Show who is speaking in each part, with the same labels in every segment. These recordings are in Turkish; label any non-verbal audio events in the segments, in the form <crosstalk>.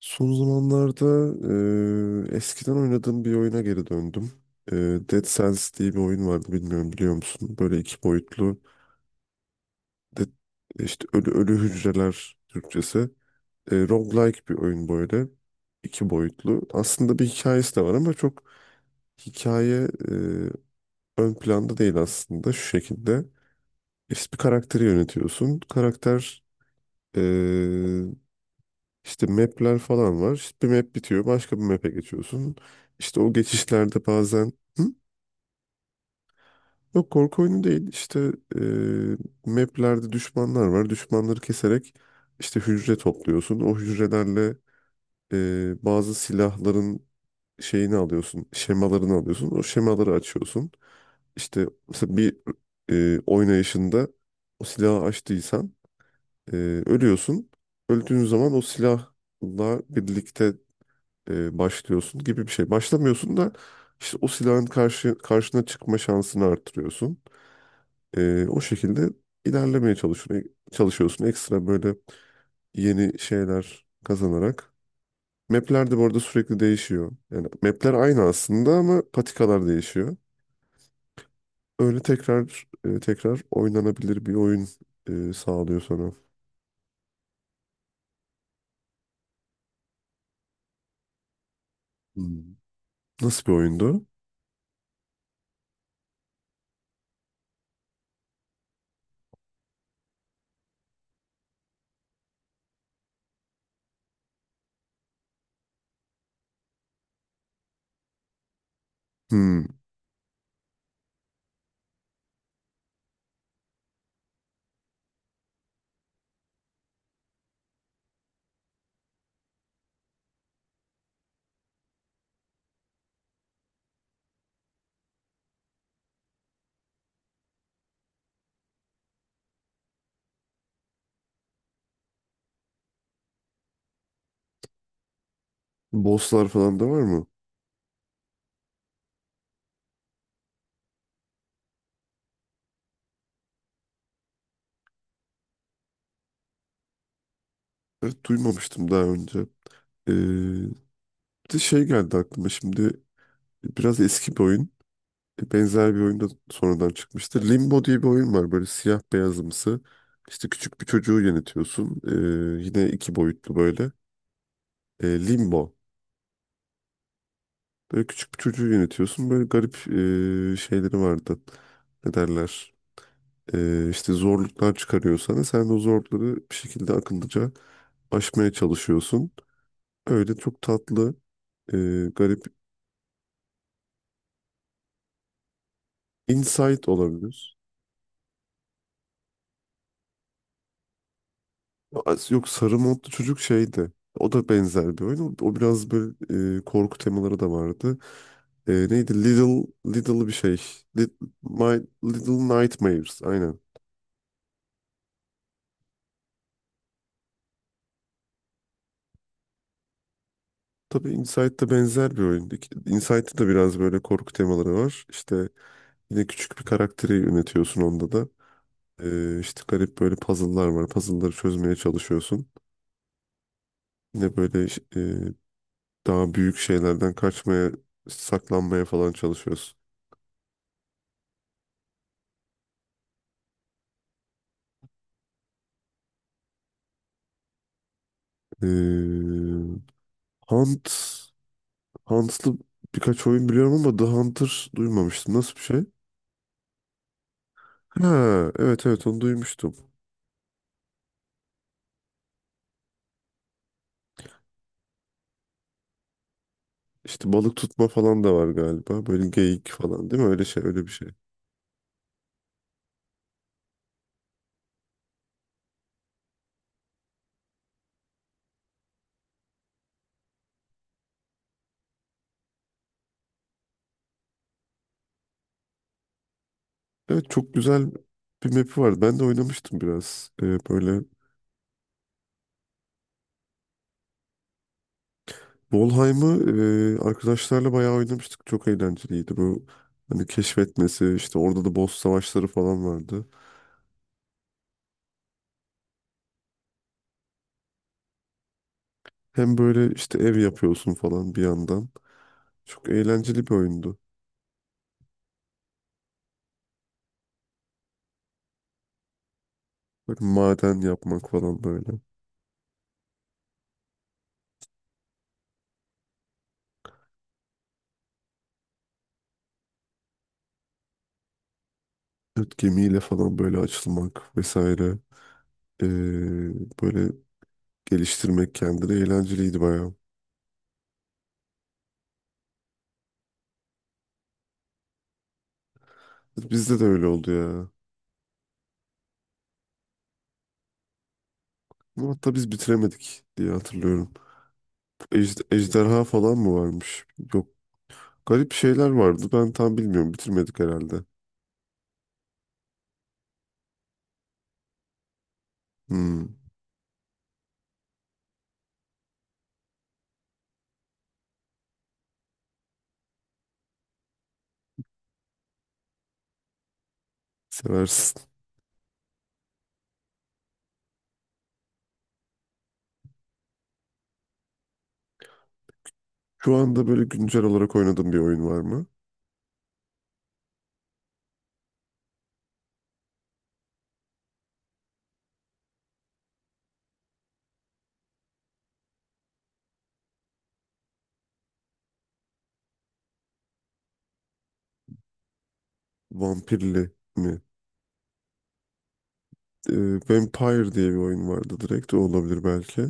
Speaker 1: Son zamanlarda eskiden oynadığım bir oyuna geri döndüm. Eee, Dead Cells diye bir oyun vardı, bilmiyorum, biliyor musun? Böyle iki boyutlu de, işte ölü ölü hücreler Türkçesi. Roguelike bir oyun böyle. İki boyutlu. Aslında bir hikayesi de var ama çok hikaye ön planda değil aslında, şu şekilde. İşte bir karakteri yönetiyorsun. Karakter eee, İşte map'ler falan var. İşte bir map bitiyor, başka bir map'e geçiyorsun. İşte o geçişlerde bazen... Hı? Yok, korku oyunu değil. İşte map'lerde düşmanlar var. Düşmanları keserek işte hücre topluyorsun. O hücrelerle bazı silahların şeyini alıyorsun. Şemalarını alıyorsun. O şemaları açıyorsun. İşte mesela bir oynayışında o silahı açtıysan e, ölüyorsun. Öldüğün zaman o silahla birlikte başlıyorsun gibi bir şey. Başlamıyorsun da işte o silahın karşı karşına çıkma şansını arttırıyorsun. O şekilde ilerlemeye çalışıyorsun. Ekstra böyle yeni şeyler kazanarak. Map'ler de bu arada sürekli değişiyor. Yani map'ler aynı aslında ama patikalar değişiyor. Öyle tekrar tekrar oynanabilir bir oyun sağlıyor sana. Hmm. Nasıl bir oyundu? Hmm. Bosslar falan da var mı? Evet, duymamıştım daha önce. E, Bir de şey geldi aklıma şimdi, biraz eski bir oyun. Benzer bir oyun da sonradan çıkmıştı. Limbo diye bir oyun var, böyle siyah beyazımsı. İşte küçük bir çocuğu yönetiyorsun. Yine iki boyutlu böyle. Limbo. Böyle küçük bir çocuğu yönetiyorsun. Böyle garip şeyleri vardı. Ne derler? İşte zorluklar çıkarıyor sana. Sen de o zorlukları bir şekilde akıllıca aşmaya çalışıyorsun. Öyle çok tatlı, ee, garip. Insight olabilir. Yok, sarı modlu çocuk şeydi. O da benzer bir oyun. O biraz böyle korku temaları da vardı. E, neydi? Little Little bir şey. Lit- My Little Nightmares. Aynen. Tabii Inside'da benzer bir oyun. Inside'da da biraz böyle korku temaları var. İşte yine küçük bir karakteri yönetiyorsun onda da. İşte garip böyle puzzle'lar var. Puzzle'ları çözmeye çalışıyorsun. Yine böyle e, daha büyük şeylerden kaçmaya, saklanmaya falan çalışıyorsun. Ee, Hunt, Hunt'lı birkaç oyun biliyorum ama The Hunter duymamıştım. Nasıl bir şey? Ha, evet evet, onu duymuştum. İşte balık tutma falan da var galiba. Böyle geyik falan değil mi? Öyle şey, öyle bir şey. Evet, çok güzel bir map'i vardı. Ben de oynamıştım biraz. Böyle Valheim'ı arkadaşlarla bayağı oynamıştık. Çok eğlenceliydi bu. Hani keşfetmesi, işte orada da boss savaşları falan vardı. Hem böyle işte ev yapıyorsun falan bir yandan. Çok eğlenceli bir oyundu. Böyle maden yapmak falan böyle. Evet, gemiyle falan böyle açılmak vesaire. Ee, Böyle geliştirmek kendini eğlenceliydi bayağı. Bizde de öyle oldu ya. Ama hatta biz bitiremedik diye hatırlıyorum. Ejderha falan mı varmış? Yok. Garip şeyler vardı. Ben tam bilmiyorum. Bitirmedik herhalde. Hmm, seversin. Şu anda böyle güncel olarak oynadığım bir oyun var mı? Vampirli mi? Vampire diye bir oyun vardı direkt. O olabilir belki.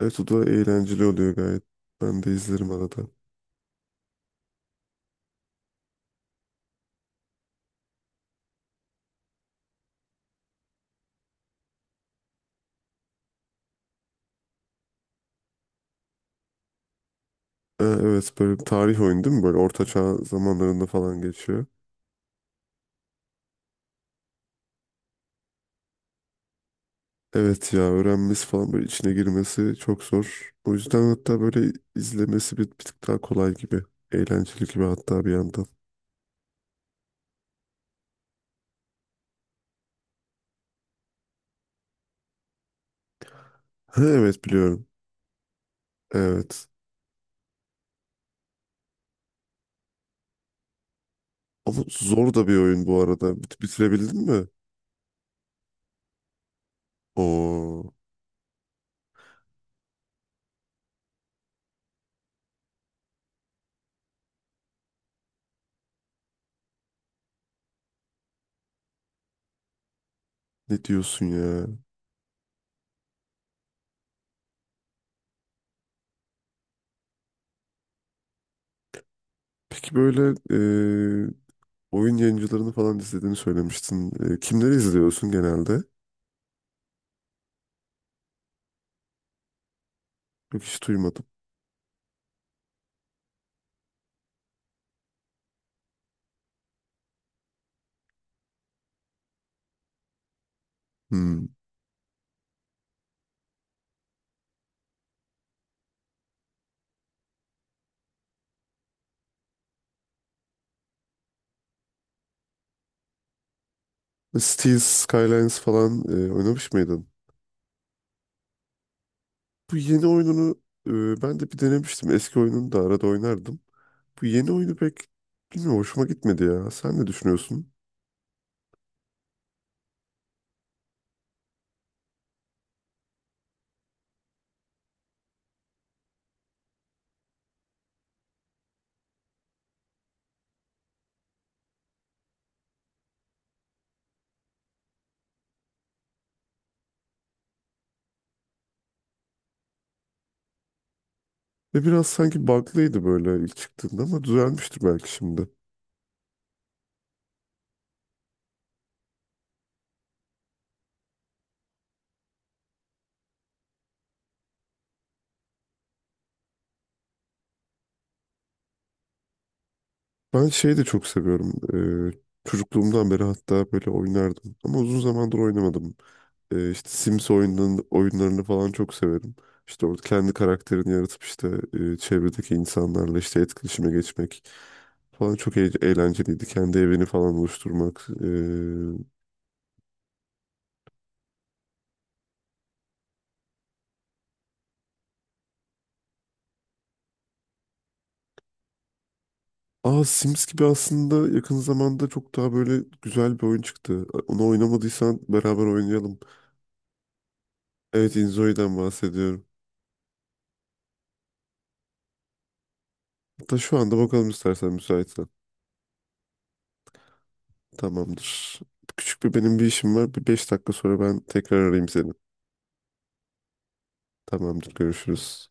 Speaker 1: Evet, o da eğlenceli oluyor gayet. Ben de izlerim arada. Evet, böyle bir tarih oyunu değil mi? Böyle orta çağ zamanlarında falan geçiyor. Evet ya, öğrenmesi falan böyle içine girmesi çok zor. O yüzden hatta böyle izlemesi bir tık daha kolay gibi. Eğlenceli gibi hatta bir yandan. <laughs> Ha, evet biliyorum. Evet. Ama zor da bir oyun bu arada. Bitirebildin mi? Oo, ne diyorsun ya? Peki böyle e, oyun yayıncılarını falan izlediğini söylemiştin. E, kimleri izliyorsun genelde? Yok, hiç duymadım. Hmm. Steel Skylines falan oynamış mıydın? Bu yeni oyununu ben de bir denemiştim. Eski oyununu da arada oynardım. Bu yeni oyunu pek bilmiyorum, hoşuma gitmedi ya. Sen ne düşünüyorsun? Ve biraz sanki bug'lıydı böyle ilk çıktığında ama düzelmiştir belki şimdi. Ben şeyi de çok seviyorum. Çocukluğumdan beri hatta böyle oynardım. Ama uzun zamandır oynamadım. İşte Sims oyunlarını falan çok severim. İşte orada kendi karakterini yaratıp işte çevredeki insanlarla işte etkileşime geçmek falan çok eğlenceliydi. Kendi evini falan oluşturmak. E, aa, Sims gibi aslında yakın zamanda çok daha böyle güzel bir oyun çıktı. Onu oynamadıysan beraber oynayalım. Evet, Inzoi'den bahsediyorum. Hatta şu anda bakalım, istersen, müsaitsen. Tamamdır. Küçük bir, benim bir işim var. Bir 5 dakika sonra ben tekrar arayayım seni. Tamamdır, görüşürüz.